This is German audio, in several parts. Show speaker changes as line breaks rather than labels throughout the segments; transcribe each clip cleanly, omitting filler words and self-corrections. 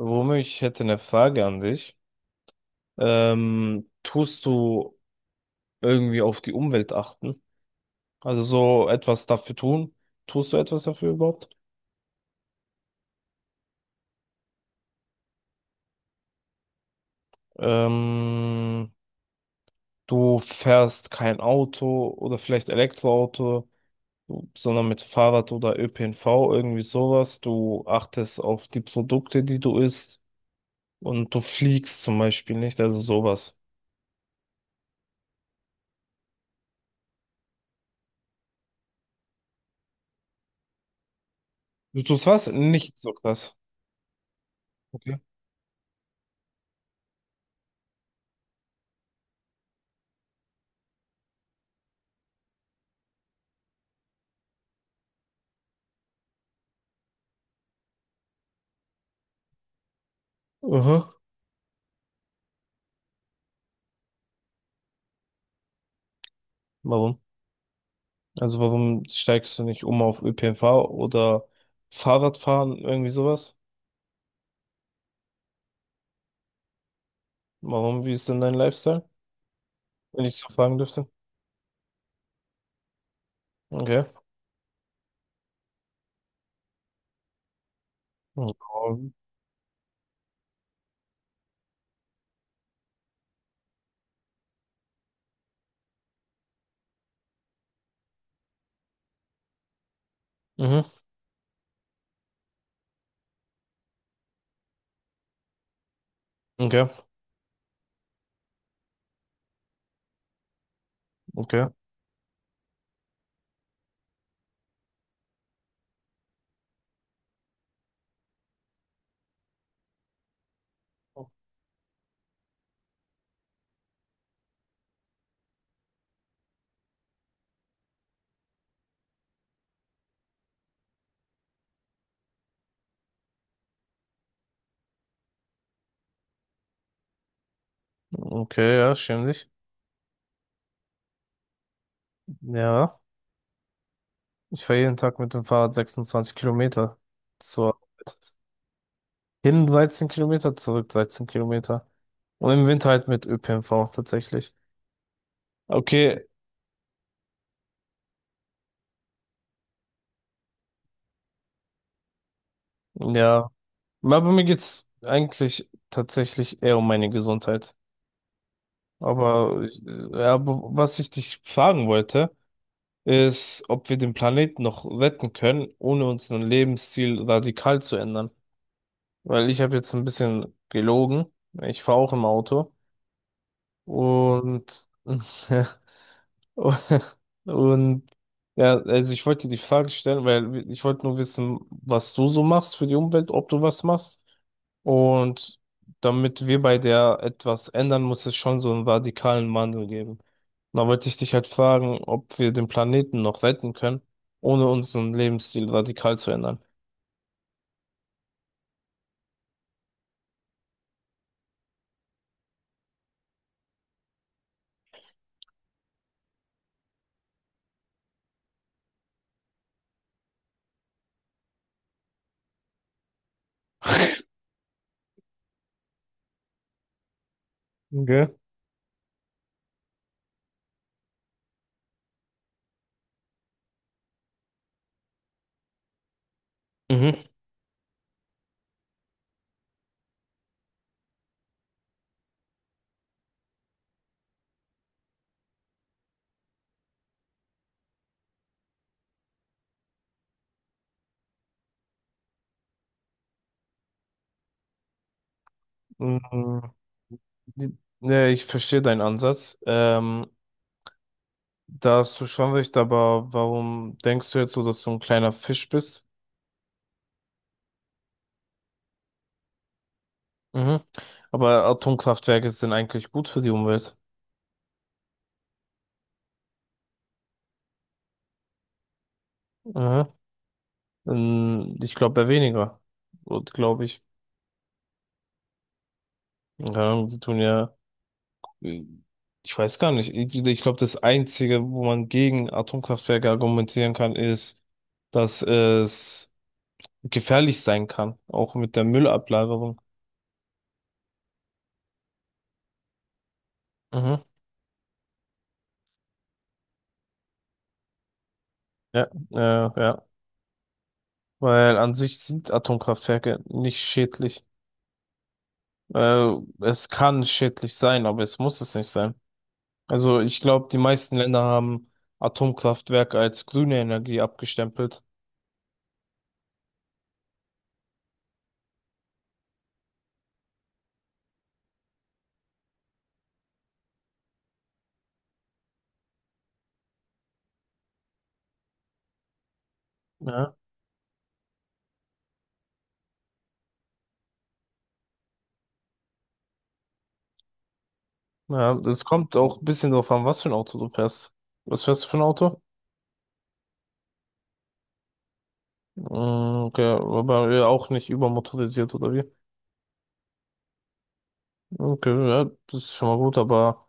Romeo, ich hätte eine Frage an dich. Tust du irgendwie auf die Umwelt achten? Also so etwas dafür tun? Tust du etwas dafür überhaupt? Ähm, du fährst kein Auto oder vielleicht Elektroauto, sondern mit Fahrrad oder ÖPNV, irgendwie sowas. Du achtest auf die Produkte, die du isst, und du fliegst zum Beispiel nicht, also sowas. Du tust was? Nicht so krass. Okay. Aha. Warum? Also warum steigst du nicht um auf ÖPNV oder Fahrradfahren, irgendwie sowas? Warum, wie ist denn dein Lifestyle, wenn ich so fragen dürfte? Okay. Ja, mhm. Okay, okay, okay, ja, schäm dich. Ja, ich fahre jeden Tag mit dem Fahrrad 26 Kilometer. Zur hin 13 Kilometer, zurück 13 Kilometer. Und im Winter halt mit ÖPNV tatsächlich. Okay, ja. Aber mir geht's eigentlich tatsächlich eher um meine Gesundheit. Aber was ich dich fragen wollte, ist, ob wir den Planeten noch retten können, ohne unseren Lebensstil radikal zu ändern. Weil ich habe jetzt ein bisschen gelogen. Ich fahre auch im Auto. Und und ja, also ich wollte dir die Frage stellen, weil ich wollte nur wissen, was du so machst für die Umwelt, ob du was machst. Und damit wir bei der etwas ändern, muss es schon so einen radikalen Wandel geben. Und da wollte ich dich halt fragen, ob wir den Planeten noch retten können, ohne unseren Lebensstil radikal zu ändern. Okay. Mhm. Mhm. Die- Ne, ich verstehe deinen Ansatz. Da hast du schon recht, aber warum denkst du jetzt so, dass du ein kleiner Fisch bist? Mhm. Aber Atomkraftwerke sind eigentlich gut für die Umwelt. Mhm. Ich glaube, eher weniger. Und glaube ich. Keine Ahnung, sie tun ja, äh, ich weiß gar nicht. Ich glaube, das Einzige, wo man gegen Atomkraftwerke argumentieren kann, ist, dass es gefährlich sein kann. Auch mit der Müllablagerung. Mhm. Ja, ja. Weil an sich sind Atomkraftwerke nicht schädlich. Äh, Es kann schädlich sein, aber es muss es nicht sein. Also ich glaube, die meisten Länder haben Atomkraftwerke als grüne Energie abgestempelt. Ja. Ja, das kommt auch ein bisschen drauf an, was für ein Auto du fährst. Was fährst du für ein Auto? Mm, okay, aber ja, auch nicht übermotorisiert oder wie? Okay, ja, das ist schon mal gut, aber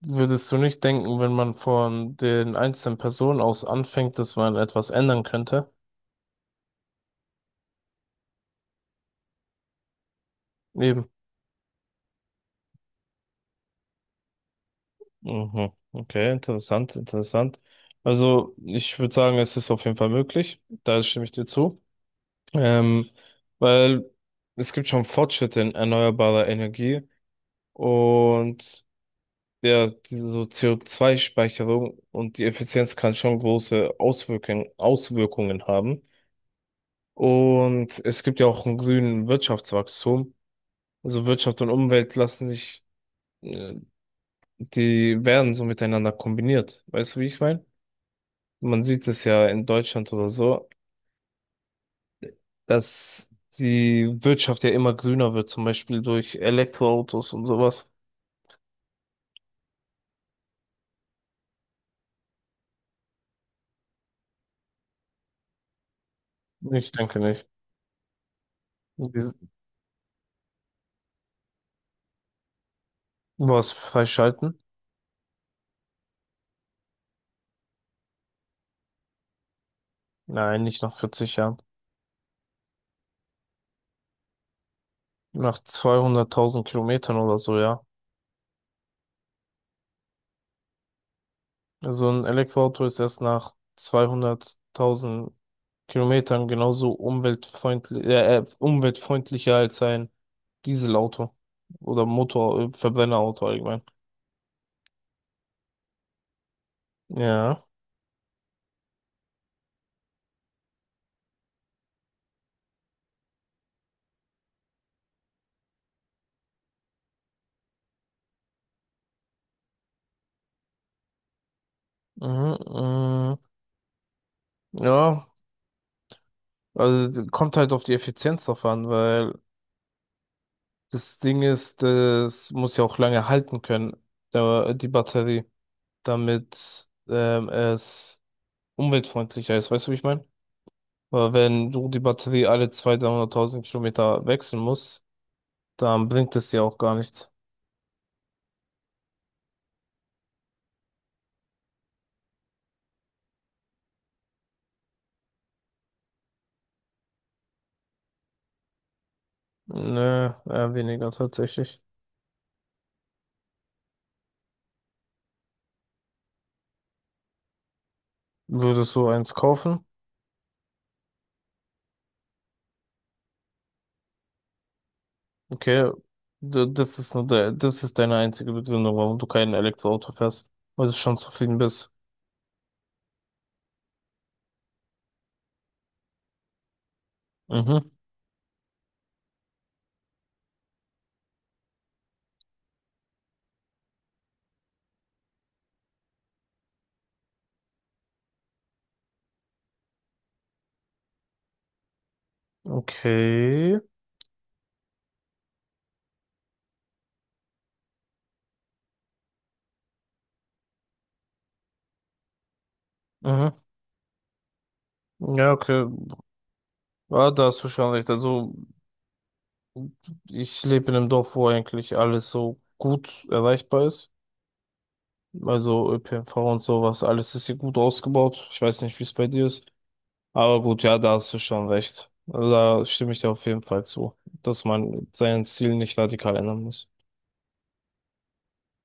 würdest du nicht denken, wenn man von den einzelnen Personen aus anfängt, dass man etwas ändern könnte? Eben. Mhm. Okay, interessant, interessant. Also ich würde sagen, es ist auf jeden Fall möglich. Da stimme ich dir zu. Ähm, weil es gibt schon Fortschritte in erneuerbarer Energie, und ja, diese so co zwei speicherung und die Effizienz kann schon große Auswirkungen haben. Und es gibt ja auch einen grünen Wirtschaftswachstum. Also Wirtschaft und Umwelt lassen sich, äh, die werden so miteinander kombiniert. Weißt du, wie ich meine? Man sieht es ja in Deutschland oder so, dass die Wirtschaft ja immer grüner wird, zum Beispiel durch Elektroautos und sowas. Ich denke nicht. Wir- Was freischalten? Nein, nicht nach 40 Jahren. Nach 200.000 Kilometern oder so, ja. Also ein Elektroauto ist erst nach 200.000 Kilometern genauso umweltfreundlich, umweltfreundlicher als ein Dieselauto oder Motor, Verbrennerauto allgemein. Ja. Mhm, mh. Ja, also kommt halt auf die Effizienz drauf an, weil das Ding ist, das muss ja auch lange halten können, die Batterie, damit es umweltfreundlicher ist. Weißt du, wie ich meine? Weil wenn du die Batterie alle 200.000, 300.000 Kilometer wechseln musst, dann bringt es dir auch gar nichts. Nö, eher weniger tatsächlich. Würdest du eins kaufen? Okay, das ist nur das ist deine einzige Begründung, warum du kein Elektroauto fährst, weil du schon zufrieden bist. Mhm, okay. Mhm. Ja, okay. Ja, da hast du schon recht. Also, ich lebe in einem Dorf, wo eigentlich alles so gut erreichbar ist. Also ÖPNV und sowas, alles ist hier gut ausgebaut. Ich weiß nicht, wie es bei dir ist. Aber gut, ja, da hast du schon recht. Also, da stimme ich dir auf jeden Fall zu, dass man sein Ziel nicht radikal ändern muss.